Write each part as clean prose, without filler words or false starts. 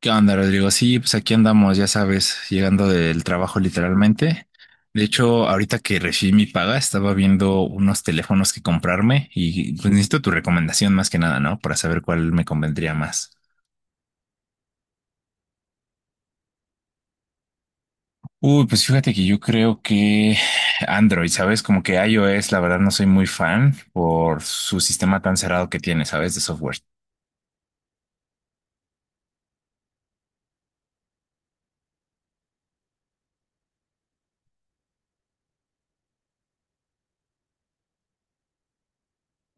¿Qué onda, Rodrigo? Sí, pues aquí andamos, ya sabes, llegando del trabajo literalmente. De hecho, ahorita que recibí mi paga, estaba viendo unos teléfonos que comprarme y pues necesito tu recomendación más que nada, ¿no? Para saber cuál me convendría más. Uy, pues fíjate que yo creo que Android, ¿sabes? Como que iOS, la verdad no soy muy fan por su sistema tan cerrado que tiene, ¿sabes? De software.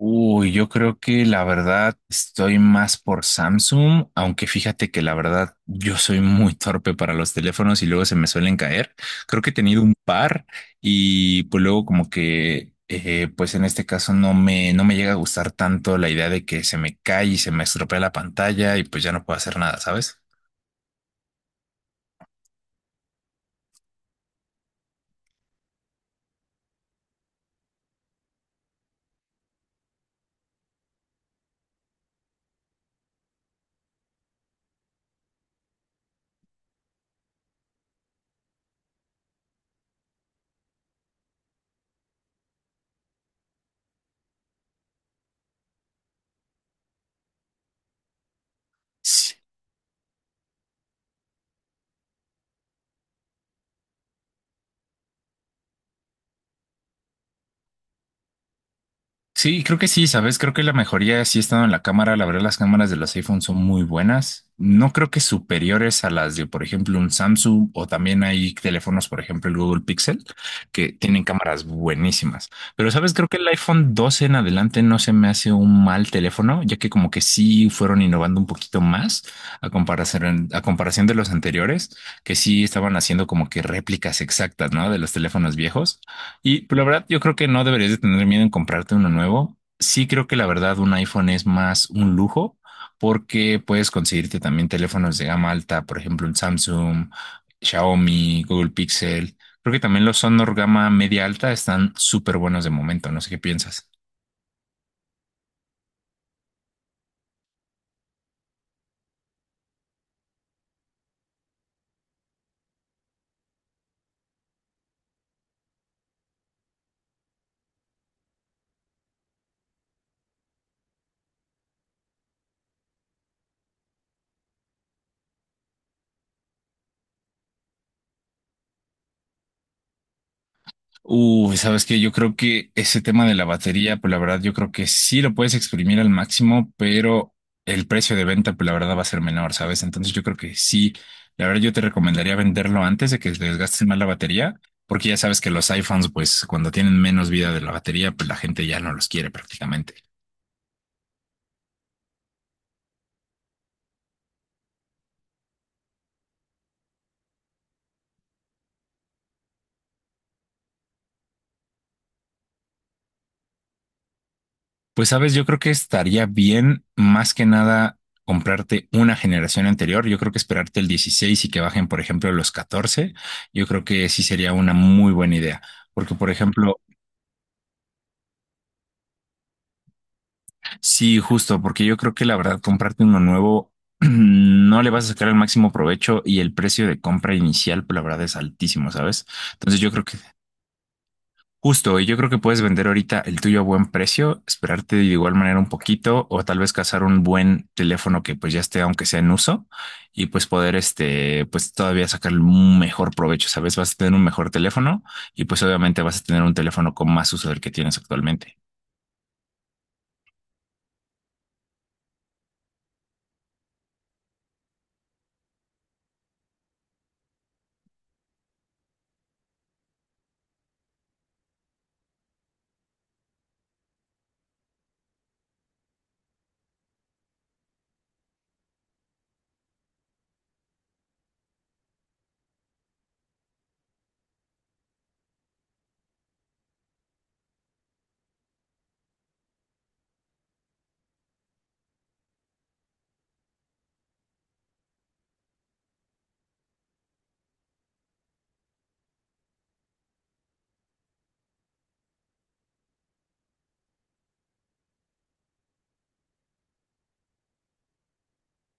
Uy, yo creo que la verdad estoy más por Samsung, aunque fíjate que la verdad yo soy muy torpe para los teléfonos y luego se me suelen caer. Creo que he tenido un par y pues luego como que pues en este caso no me llega a gustar tanto la idea de que se me cae y se me estropea la pantalla y pues ya no puedo hacer nada, ¿sabes? Sí, creo que sí, ¿sabes? Creo que la mejoría sí ha estado en la cámara. La verdad, las cámaras de los iPhone son muy buenas. No creo que superiores a las de, por ejemplo, un Samsung o también hay teléfonos, por ejemplo, el Google Pixel, que tienen cámaras buenísimas. Pero, ¿sabes? Creo que el iPhone 12 en adelante no se me hace un mal teléfono, ya que como que sí fueron innovando un poquito más a comparación de los anteriores, que sí estaban haciendo como que réplicas exactas, ¿no? De los teléfonos viejos. Y pero la verdad, yo creo que no deberías de tener miedo en comprarte uno nuevo. Sí creo que la verdad un iPhone es más un lujo porque puedes conseguirte también teléfonos de gama alta, por ejemplo, un Samsung, Xiaomi, Google Pixel. Creo que también los Honor gama media alta están súper buenos de momento. No sé qué piensas. Uy, sabes que yo creo que ese tema de la batería, pues la verdad, yo creo que sí lo puedes exprimir al máximo, pero el precio de venta, pues la verdad, va a ser menor, ¿sabes? Entonces yo creo que sí, la verdad, yo te recomendaría venderlo antes de que se desgaste más la batería, porque ya sabes que los iPhones, pues cuando tienen menos vida de la batería, pues la gente ya no los quiere prácticamente. Pues sabes, yo creo que estaría bien más que nada comprarte una generación anterior. Yo creo que esperarte el 16 y que bajen, por ejemplo, los 14. Yo creo que sí sería una muy buena idea. Porque, por ejemplo, sí, justo, porque yo creo que la verdad comprarte uno nuevo no le vas a sacar el máximo provecho y el precio de compra inicial, pues, la verdad es altísimo, ¿sabes? Entonces yo creo que Justo, y yo creo que puedes vender ahorita el tuyo a buen precio, esperarte de igual manera un poquito o tal vez cazar un buen teléfono que pues ya esté aunque sea en uso y pues poder este pues todavía sacar un mejor provecho, ¿sabes? Vas a tener un mejor teléfono y pues obviamente vas a tener un teléfono con más uso del que tienes actualmente.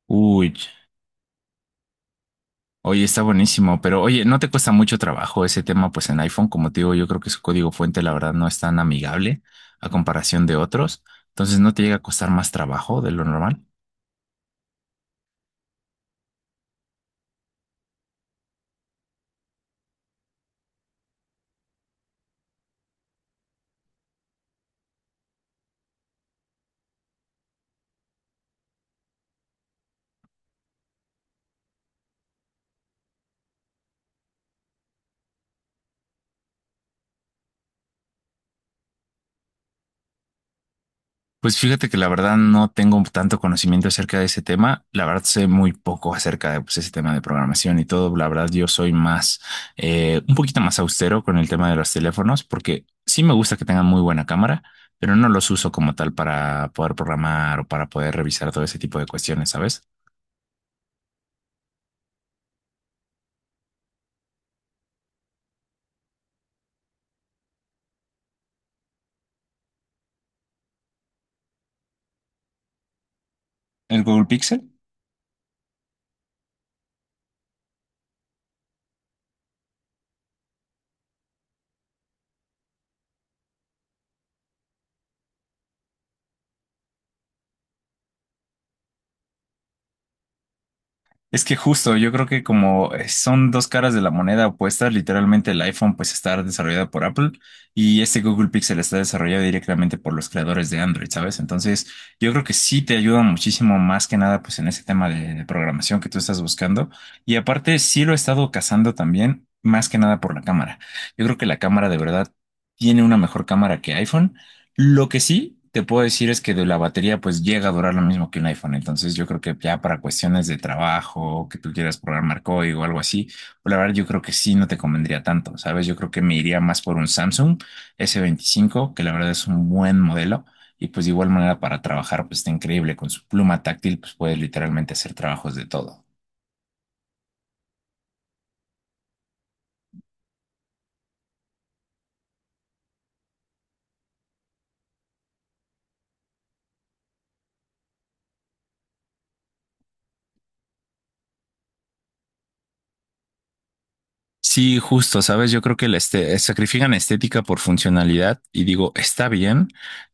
Uy, oye, está buenísimo, pero oye, no te cuesta mucho trabajo ese tema pues en iPhone, como te digo, yo creo que su código fuente la verdad no es tan amigable a comparación de otros, entonces no te llega a costar más trabajo de lo normal. Pues fíjate que la verdad no tengo tanto conocimiento acerca de ese tema. La verdad sé muy poco acerca de pues, ese tema de programación y todo. La verdad yo soy más, un poquito más austero con el tema de los teléfonos porque sí me gusta que tengan muy buena cámara, pero no los uso como tal para poder programar o para poder revisar todo ese tipo de cuestiones, ¿sabes? ¿El Google Pixel? Es que justo, yo creo que como son dos caras de la moneda opuestas, literalmente el iPhone pues está desarrollado por Apple y este Google Pixel está desarrollado directamente por los creadores de Android, ¿sabes? Entonces, yo creo que sí te ayuda muchísimo más que nada pues en ese tema de programación que tú estás buscando. Y aparte, sí lo he estado cazando también, más que nada por la cámara. Yo creo que la cámara de verdad tiene una mejor cámara que iPhone. Lo que sí te puedo decir es que de la batería pues llega a durar lo mismo que un iPhone. Entonces yo creo que ya para cuestiones de trabajo, que tú quieras programar código o algo así, pues, la verdad yo creo que sí no te convendría tanto, ¿sabes? Yo creo que me iría más por un Samsung S25 que la verdad es un buen modelo. Y pues de igual manera para trabajar pues está increíble. Con su pluma táctil pues puedes literalmente hacer trabajos de todo. Sí, justo, sabes, yo creo que sacrifican estética por funcionalidad y digo, está bien.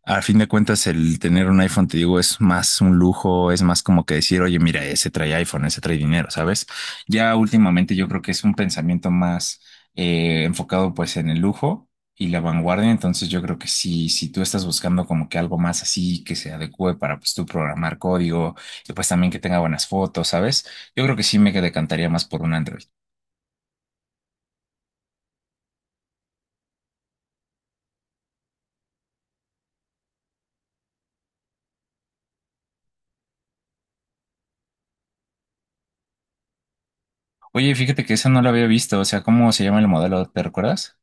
A fin de cuentas, el tener un iPhone, te digo, es más un lujo, es más como que decir, oye, mira, ese trae iPhone, ese trae dinero, ¿sabes? Ya últimamente yo creo que es un pensamiento más enfocado pues en el lujo y la vanguardia, entonces yo creo que si, si tú estás buscando como que algo más así, que se adecue para pues tú programar código y pues también que tenga buenas fotos, ¿sabes? Yo creo que sí me decantaría más por un Android. Oye, fíjate que esa no la había visto, o sea, ¿cómo se llama el modelo? ¿Te recuerdas?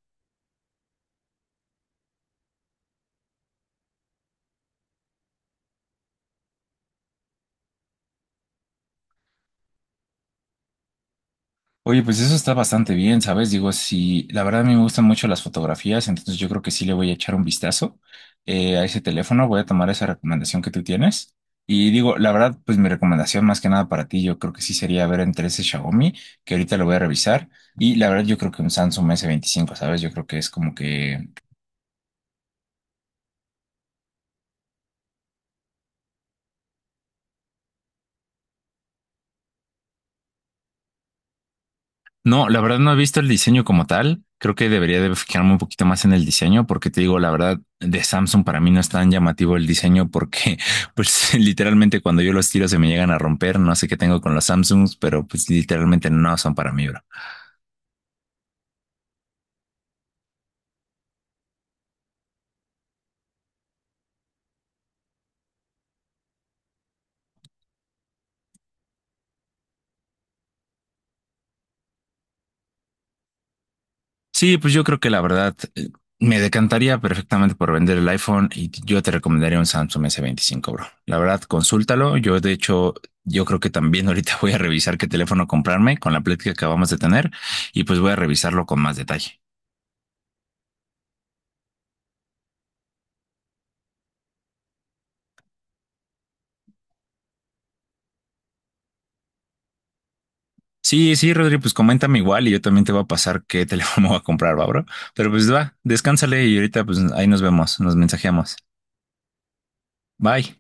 Oye, pues eso está bastante bien, ¿sabes? Digo, si la verdad a mí me gustan mucho las fotografías, entonces yo creo que sí le voy a echar un vistazo a ese teléfono, voy a tomar esa recomendación que tú tienes. Y digo, la verdad, pues mi recomendación más que nada para ti, yo creo que sí sería ver entre ese Xiaomi, que ahorita lo voy a revisar, y la verdad yo creo que un Samsung S25, ¿sabes? Yo creo que es como que no, la verdad no he visto el diseño como tal. Creo que debería de fijarme un poquito más en el diseño porque te digo, la verdad, de Samsung para mí no es tan llamativo el diseño porque pues literalmente cuando yo los tiro se me llegan a romper. No sé qué tengo con los Samsungs, pero pues literalmente no son para mí, bro. Sí, pues yo creo que la verdad me decantaría perfectamente por vender el iPhone y yo te recomendaría un Samsung S25, bro. La verdad, consúltalo. Yo, de hecho, yo creo que también ahorita voy a revisar qué teléfono comprarme con la plática que acabamos de tener y pues voy a revisarlo con más detalle. Sí, sí, Rodri, pues coméntame igual y yo también te voy a pasar qué teléfono voy a comprar, va, bro. Pero pues va, descánsale y ahorita pues ahí nos vemos, nos mensajeamos. Bye.